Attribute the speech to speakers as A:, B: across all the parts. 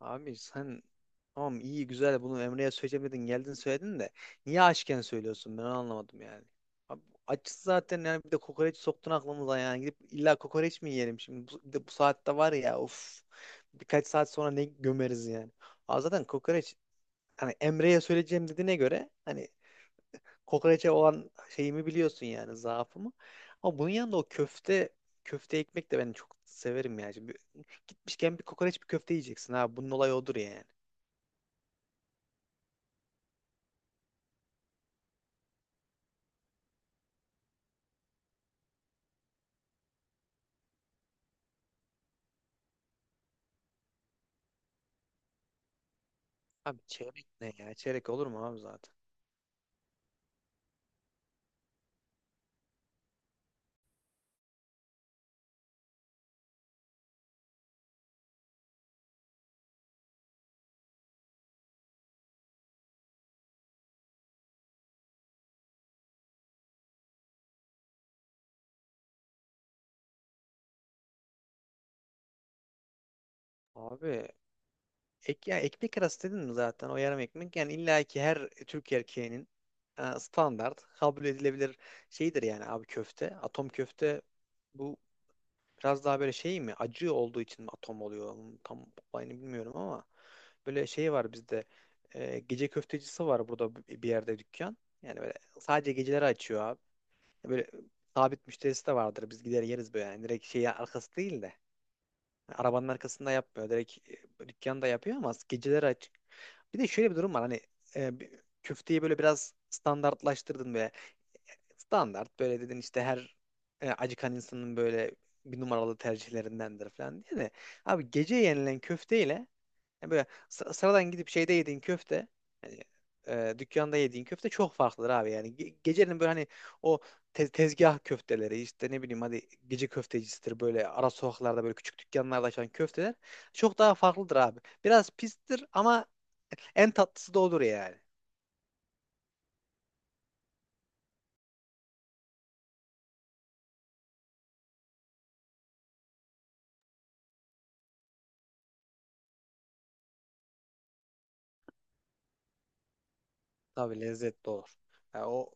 A: Abi sen tamam iyi güzel bunu Emre'ye söylemedin geldin söyledin de niye açken söylüyorsun ben onu anlamadım yani. Abi açız zaten, yani bir de kokoreç soktun aklımıza, yani gidip illa kokoreç mi yiyelim şimdi bu, bir de bu saatte var ya, of, birkaç saat sonra ne gömeriz yani. Abi zaten kokoreç, hani Emre'ye söyleyeceğim dediğine göre, hani kokoreçe olan şeyimi biliyorsun yani, zaafımı. Ama bunun yanında o köfte ekmek de ben çok severim yani. Şimdi gitmişken bir kokoreç bir köfte yiyeceksin abi, bunun olayı odur yani. Abi çeyrek ne ya? Çeyrek olur mu abi zaten? Abi ya ekmek arası dedin mi zaten o yarım ekmek? Yani illa ki her Türk erkeğinin standart kabul edilebilir şeydir yani abi, köfte. Atom köfte bu biraz daha böyle şey mi? Acı olduğu için mi atom oluyor? Tam olayını bilmiyorum ama böyle şey var bizde. Gece köftecisi var burada bir yerde, dükkan. Yani böyle sadece geceleri açıyor abi. Böyle sabit müşterisi de vardır. Biz gider yeriz böyle. Yani direkt şeyi, arkası değil de. Arabanın arkasında yapmıyor. Direkt dükkanda yapıyor ama geceleri açık. Bir de şöyle bir durum var. Hani e, bir- köfteyi böyle biraz standartlaştırdın böyle. Standart böyle dedin işte, her acıkan insanın böyle bir numaralı tercihlerindendir falan diye de. Abi gece yenilen köfteyle yani, böyle sıradan gidip şeyde yediğin köfte, hani dükkanda yediğin köfte çok farklıdır abi yani. Gecenin böyle, hani o tezgah köfteleri, işte ne bileyim hadi gece köftecisidir, böyle ara sokaklarda böyle küçük dükkanlarda açan köfteler çok daha farklıdır abi. Biraz pistir ama en tatlısı da olur yani. Tabii lezzetli olur. Yani o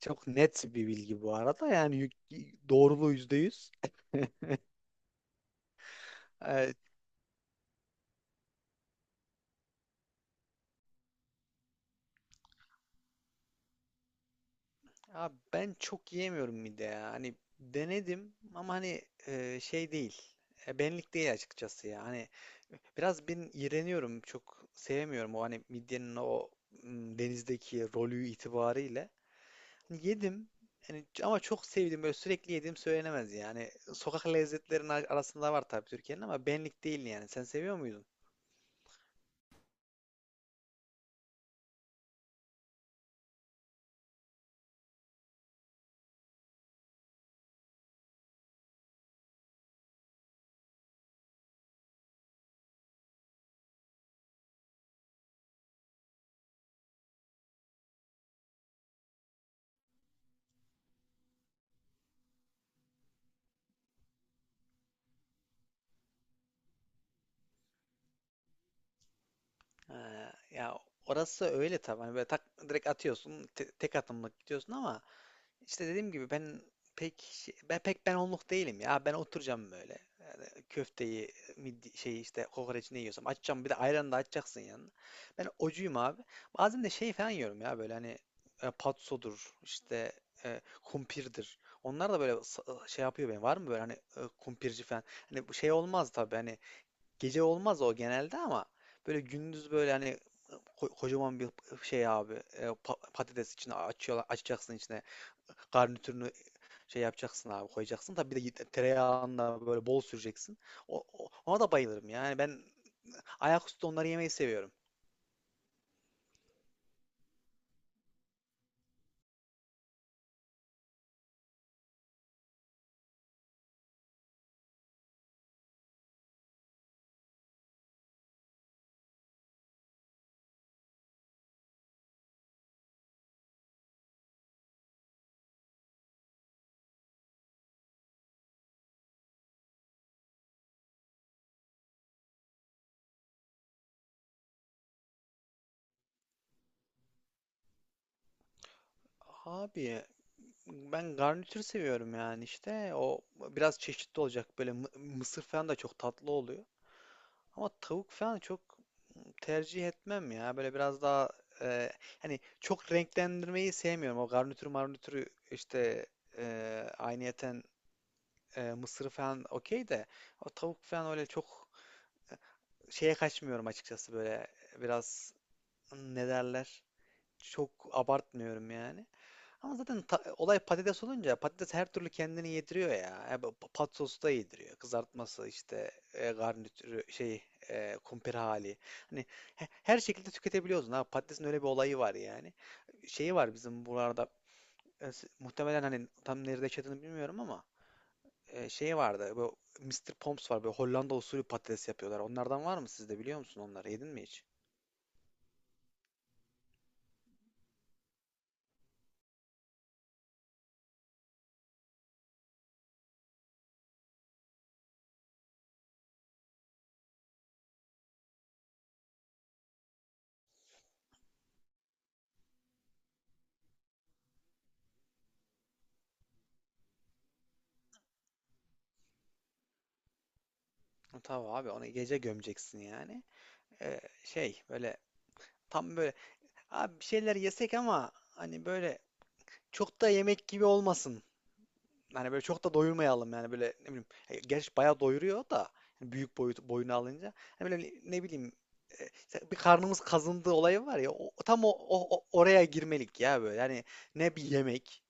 A: çok net bir bilgi bu arada yani, doğruluğu yüzde yüz. E, Abi ben çok yiyemiyorum mide ya. Hani denedim ama hani şey değil. Benlik değil açıkçası ya. Hani biraz ben iğreniyorum. Çok sevmiyorum o, hani midyenin o denizdeki rolü itibariyle. Hani yedim. Yani ama çok sevdim. Böyle sürekli yediğim söylenemez yani. Sokak lezzetlerinin arasında var tabii Türkiye'nin ama benlik değil yani. Sen seviyor muydun? Ha, ya orası öyle tabii. Hani böyle tak, direkt atıyorsun, tek atımlık gidiyorsun ama. İşte dediğim gibi, ben pek onluk değilim ya. Ben oturacağım böyle. Yani köfteyi, midi, şey, işte kokoreç, ne yiyorsam açacağım. Bir de ayran da açacaksın yanına. Ben ocuyum abi. Bazen de şey falan yiyorum ya, böyle hani patsodur, işte kumpirdir. Onlar da böyle şey yapıyor benim. Var mı böyle, hani kumpirci falan? Hani bu şey olmaz tabii, hani gece olmaz o genelde, ama böyle gündüz böyle, hani kocaman bir şey abi, patates, içine açıyorlar, açacaksın içine garnitürünü şey yapacaksın abi, koyacaksın. Tabii bir de tereyağında böyle bol süreceksin. Ona da bayılırım. Yani ben ayaküstü onları yemeyi seviyorum. Abi ben garnitür seviyorum yani, işte o biraz çeşitli olacak, böyle mısır falan da çok tatlı oluyor. Ama tavuk falan çok tercih etmem ya. Böyle biraz daha e, hani çok renklendirmeyi sevmiyorum. O garnitür marnitürü işte e, aynıyeten mısırı falan okey de, o tavuk falan öyle çok şeye kaçmıyorum açıkçası, böyle biraz, ne derler, çok abartmıyorum yani. Ama zaten olay patates olunca patates her türlü kendini yediriyor ya. Bu Pat sosu da yediriyor. Kızartması, işte garnitürü, şey kumpir hali. Hani her şekilde tüketebiliyorsun. Ha, patatesin öyle bir olayı var yani. Şeyi var bizim buralarda, muhtemelen hani tam nerede yaşadığını bilmiyorum ama şey vardı. Bu Mister Pomps var. Böyle Hollanda usulü patates yapıyorlar. Onlardan var mı sizde, biliyor musun onları? Yedin mi hiç? Tabii abi, onu gece gömeceksin yani. Şey böyle, tam böyle, abi bir şeyler yesek ama hani böyle çok da yemek gibi olmasın. Hani böyle çok da doyurmayalım yani, böyle ne bileyim. Gerçi bayağı doyuruyor da, hani büyük boyut boyunu alınca. Hani böyle ne bileyim, işte bir karnımız kazındığı olayı var ya, tam oraya girmelik ya böyle. Yani ne bir yemek,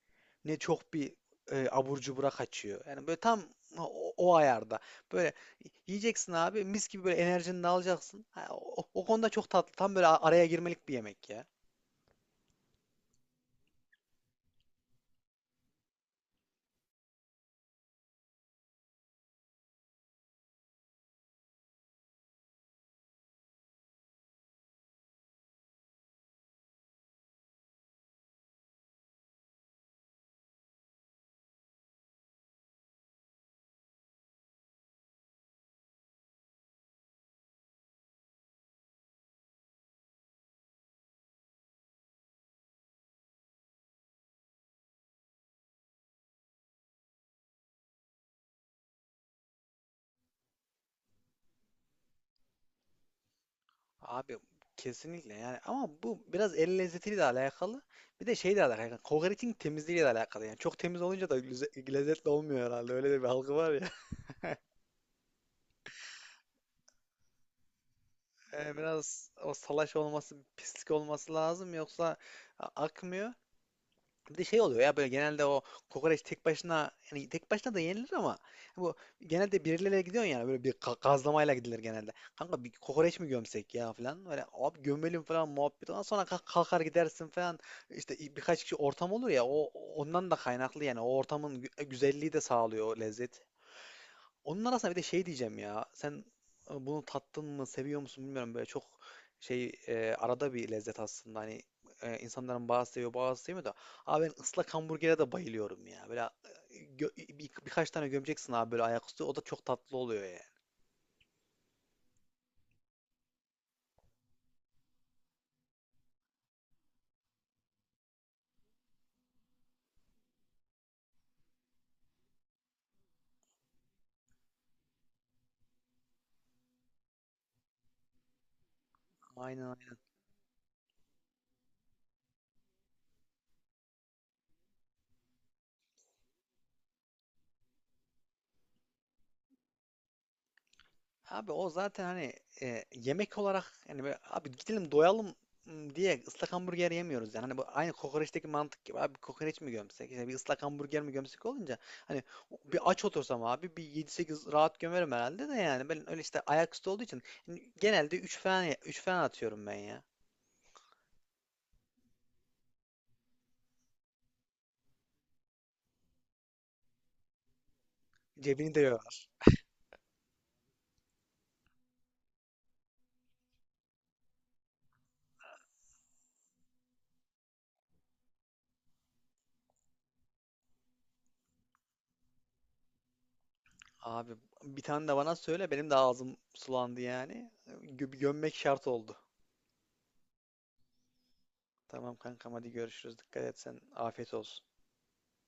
A: ne çok bir abur cubura kaçıyor. Yani böyle tam o ayarda. Böyle yiyeceksin abi, mis gibi, böyle enerjini de alacaksın. Ha, o konuda çok tatlı. Tam böyle araya girmelik bir yemek ya. Abi kesinlikle, yani ama bu biraz el lezzetiyle de alakalı. Bir de şey de alakalı. Yani kokoreçin temizliğiyle de alakalı. Yani çok temiz olunca da lezzetli olmuyor herhalde. Öyle de bir algı var ya. Yani biraz o salaş olması, pislik olması lazım, yoksa akmıyor. Bir de şey oluyor ya, böyle genelde o kokoreç tek başına, yani tek başına da yenilir ama bu genelde birileriyle gidiyorsun yani, böyle bir gazlamayla gidilir genelde. Kanka bir kokoreç mi gömsek ya falan, böyle abi gömelim falan, muhabbet, ondan sonra kalkar gidersin falan, işte birkaç kişi ortam olur ya, o, ondan da kaynaklı yani, o ortamın güzelliği de sağlıyor o lezzet. Onun arasında bir de şey diyeceğim ya. Sen bunu tattın mı, seviyor musun bilmiyorum. Böyle çok şey, arada bir lezzet aslında. Hani insanların bazı seviyor, bazı sevmiyor da. Abi ben ıslak hamburgere de bayılıyorum ya. Böyle birkaç tane gömeceksin abi, böyle ayaküstü. O da çok tatlı oluyor yani. Aynen. Abi o zaten, hani yemek olarak yani, böyle abi gidelim doyalım diye ıslak hamburger yemiyoruz yani. Hani bu aynı kokoreçteki mantık gibi, abi kokoreç mi gömsek, işte bir ıslak hamburger mi gömsek olunca, hani bir aç otursam abi bir 7-8 rahat gömerim herhalde de, yani ben öyle, işte ayaküstü olduğu için yani genelde 3 falan, 3 falan atıyorum ben ya. Cebini de yorar. Abi bir tane de bana söyle, benim de ağzım sulandı yani. Gömmek şart oldu. Tamam kankam, hadi görüşürüz. Dikkat et sen. Afiyet olsun.